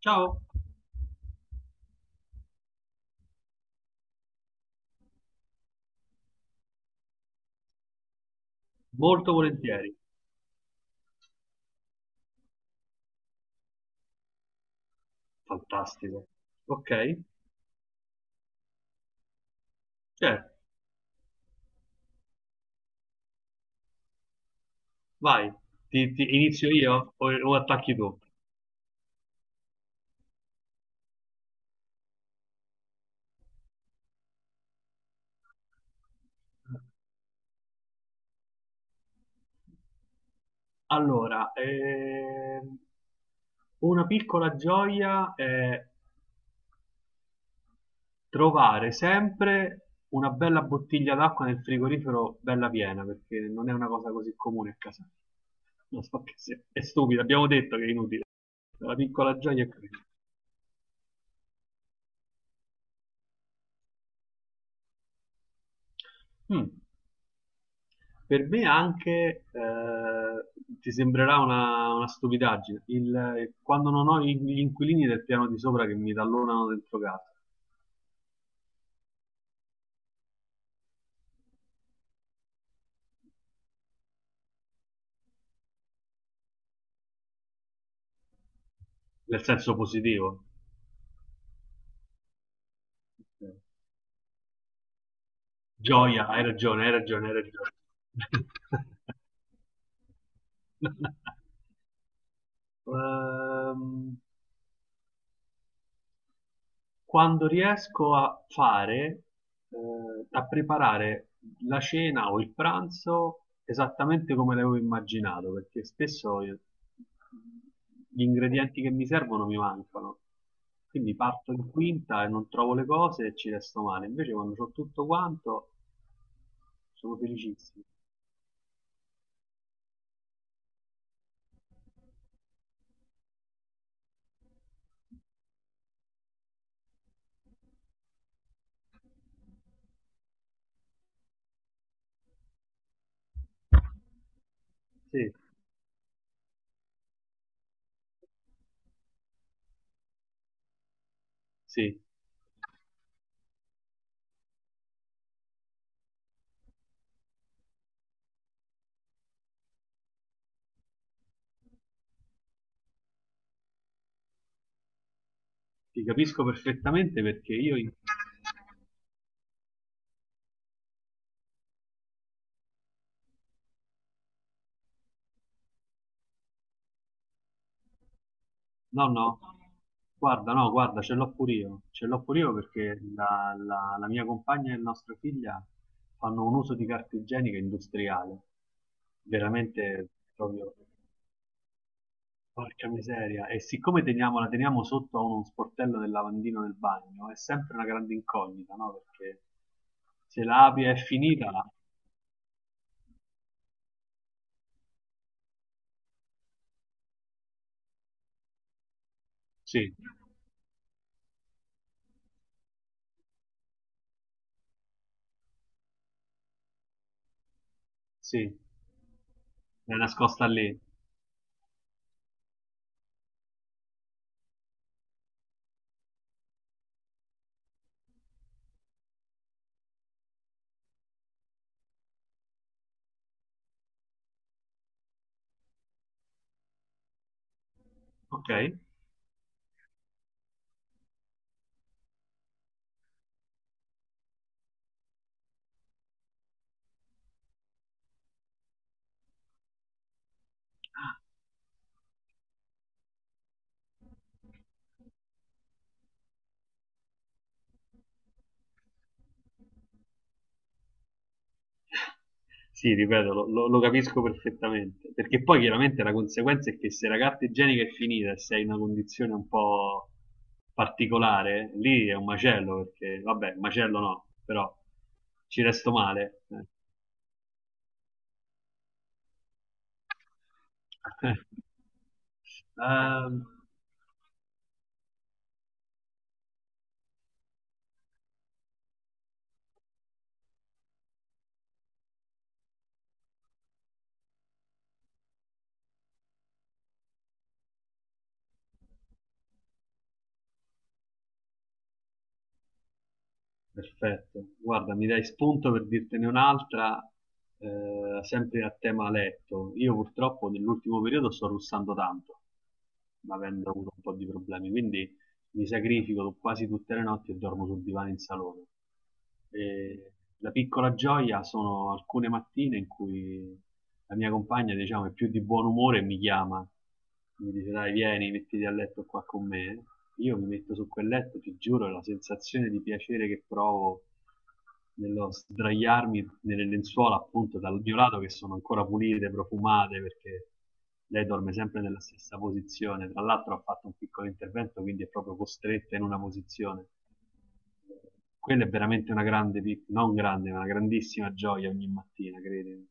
Ciao, molto volentieri. Fantastico. Ok, certo, vai. Inizio io o attacchi tu? Allora, una piccola gioia è trovare sempre una bella bottiglia d'acqua nel frigorifero bella piena, perché non è una cosa così comune a casa. Lo so che è stupido, abbiamo detto che è inutile. La piccola gioia è quella. Mm. Per me anche ti sembrerà una stupidaggine, quando non ho gli inquilini del piano di sopra che mi tallonano dentro casa, nel senso positivo. Gioia, hai ragione, hai ragione, hai ragione. Ehm, Quando riesco a fare, a preparare la cena o il pranzo esattamente come l'avevo immaginato, perché spesso gli ingredienti che mi servono mi mancano. Quindi parto in quinta e non trovo le cose e ci resto male. Invece quando ho tutto quanto sono felicissimo. Sì, sì, ti capisco perfettamente perché io in no, no, guarda, no, guarda, ce l'ho pure io, ce l'ho pure io perché la mia compagna e nostra figlia fanno un uso di carta igienica industriale, veramente proprio, porca miseria, e siccome teniamo, la teniamo sotto a uno sportello del lavandino del bagno, è sempre una grande incognita, no? Perché se la apri è finita, sì, sì, è nascosta lì, ok? Sì, ripeto, lo capisco perfettamente. Perché poi chiaramente la conseguenza è che se la carta igienica è finita e sei in una condizione un po' particolare, lì è un macello, perché vabbè, macello no, però ci resto male. Ehm, perfetto, guarda, mi dai spunto per dirtene un'altra, sempre a tema letto. Io purtroppo nell'ultimo periodo sto russando tanto, ma avendo avuto un po' di problemi, quindi mi sacrifico quasi tutte le notti e dormo sul divano in salone. E la piccola gioia sono alcune mattine in cui la mia compagna, diciamo, è più di buon umore e mi chiama, mi dice dai vieni, mettiti a letto qua con me. Io mi metto su quel letto, ti giuro, la sensazione di piacere che provo nello sdraiarmi nelle lenzuola appunto dal mio lato che sono ancora pulite, profumate perché lei dorme sempre nella stessa posizione. Tra l'altro ha fatto un piccolo intervento, quindi è proprio costretta in una posizione. Quella è veramente una grande, non grande, ma una grandissima gioia ogni mattina, credimi.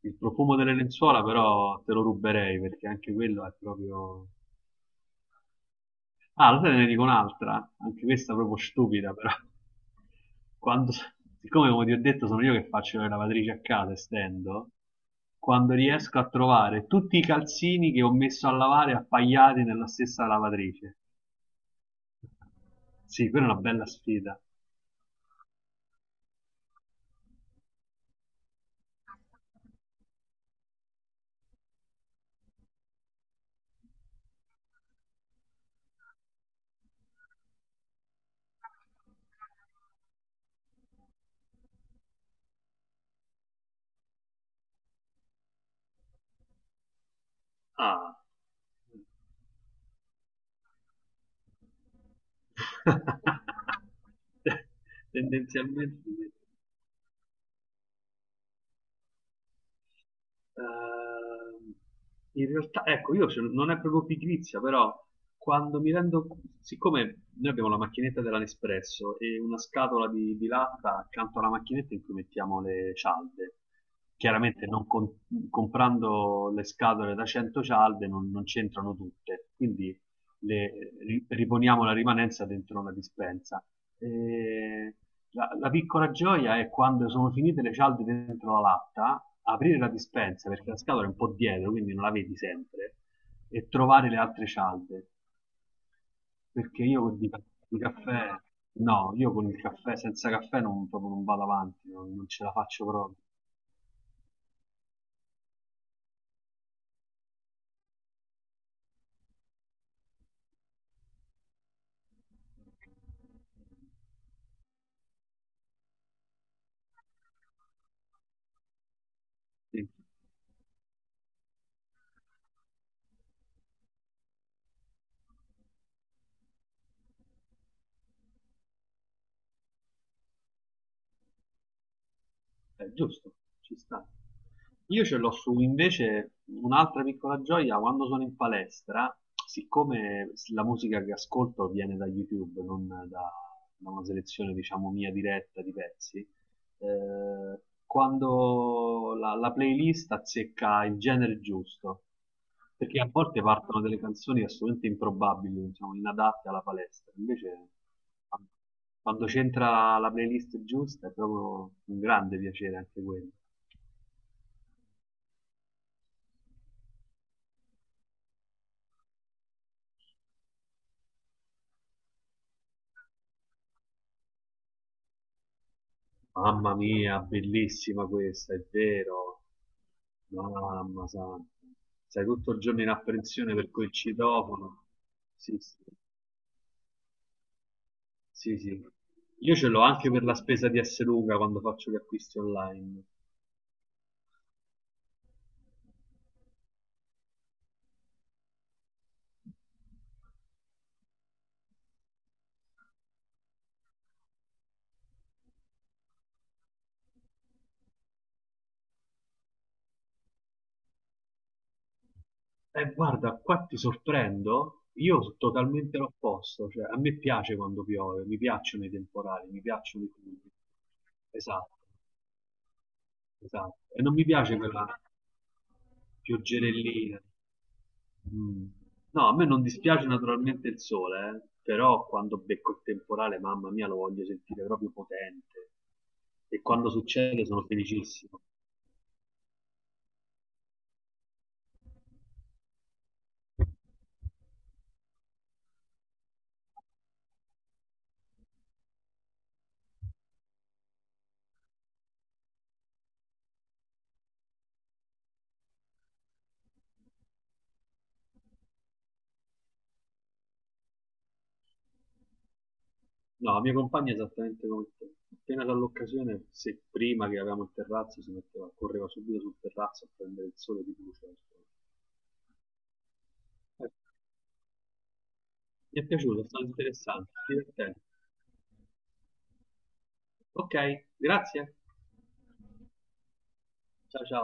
Il profumo delle lenzuola però te lo ruberei perché anche quello è proprio ah, lo sai, te ne dico un'altra, anche questa proprio stupida, però. Quando, siccome, come ti ho detto, sono io che faccio le lavatrici a casa e stendo, quando riesco a trovare tutti i calzini che ho messo a lavare appaiati nella stessa lavatrice. Sì, quella è una bella sfida. Ah, tendenzialmente sì. Ehm, in realtà, ecco, io non è proprio pigrizia, però quando mi rendo, siccome noi abbiamo la macchinetta della Nespresso e una scatola di latta accanto alla macchinetta in cui mettiamo le cialde, chiaramente non con- comprando le scatole da 100 cialde non, non c'entrano tutte, quindi riponiamo la rimanenza dentro una dispensa. Eh, la piccola gioia è quando sono finite le cialde dentro la latta, aprire la dispensa perché la scatola è un po' dietro, quindi non la vedi sempre, e trovare le altre cialde. Perché io di caffè, no, io con il caffè, senza caffè non, proprio non vado avanti, non, non ce la faccio proprio. Sì. È giusto, ci sta. Io ce l'ho su invece un'altra piccola gioia quando sono in palestra, siccome la musica che ascolto viene da YouTube, non da, da una selezione diciamo mia diretta di pezzi, eh, quando la playlist azzecca il genere giusto, perché a volte partono delle canzoni assolutamente improbabili, diciamo, inadatte alla palestra, invece quando c'entra la playlist giusta è proprio un grande piacere anche quello. Mamma mia, bellissima questa, è vero. Mamma santa. Sei tutto il giorno in apprensione per quel citofono. Sì, sì. Sì, sì. Io ce l'ho anche per la spesa di Luca quando faccio gli acquisti online. Guarda, qua ti sorprendo, io sono totalmente l'opposto, cioè a me piace quando piove, mi piacciono i temporali, mi piacciono i fiumi. Esatto, esatto. E non mi piace quella pioggerellina. Mm. No, a me non dispiace naturalmente il sole, però quando becco il temporale, mamma mia, lo voglio sentire proprio potente. E quando succede sono felicissimo. No, la mia compagna è esattamente come te. Appena dall'occasione, se prima che avevamo il terrazzo, si metteva, correva subito sul terrazzo a prendere il sole di luce. Eh, Mi è piaciuto, è stato interessante, divertente. Ok, grazie. Ciao ciao.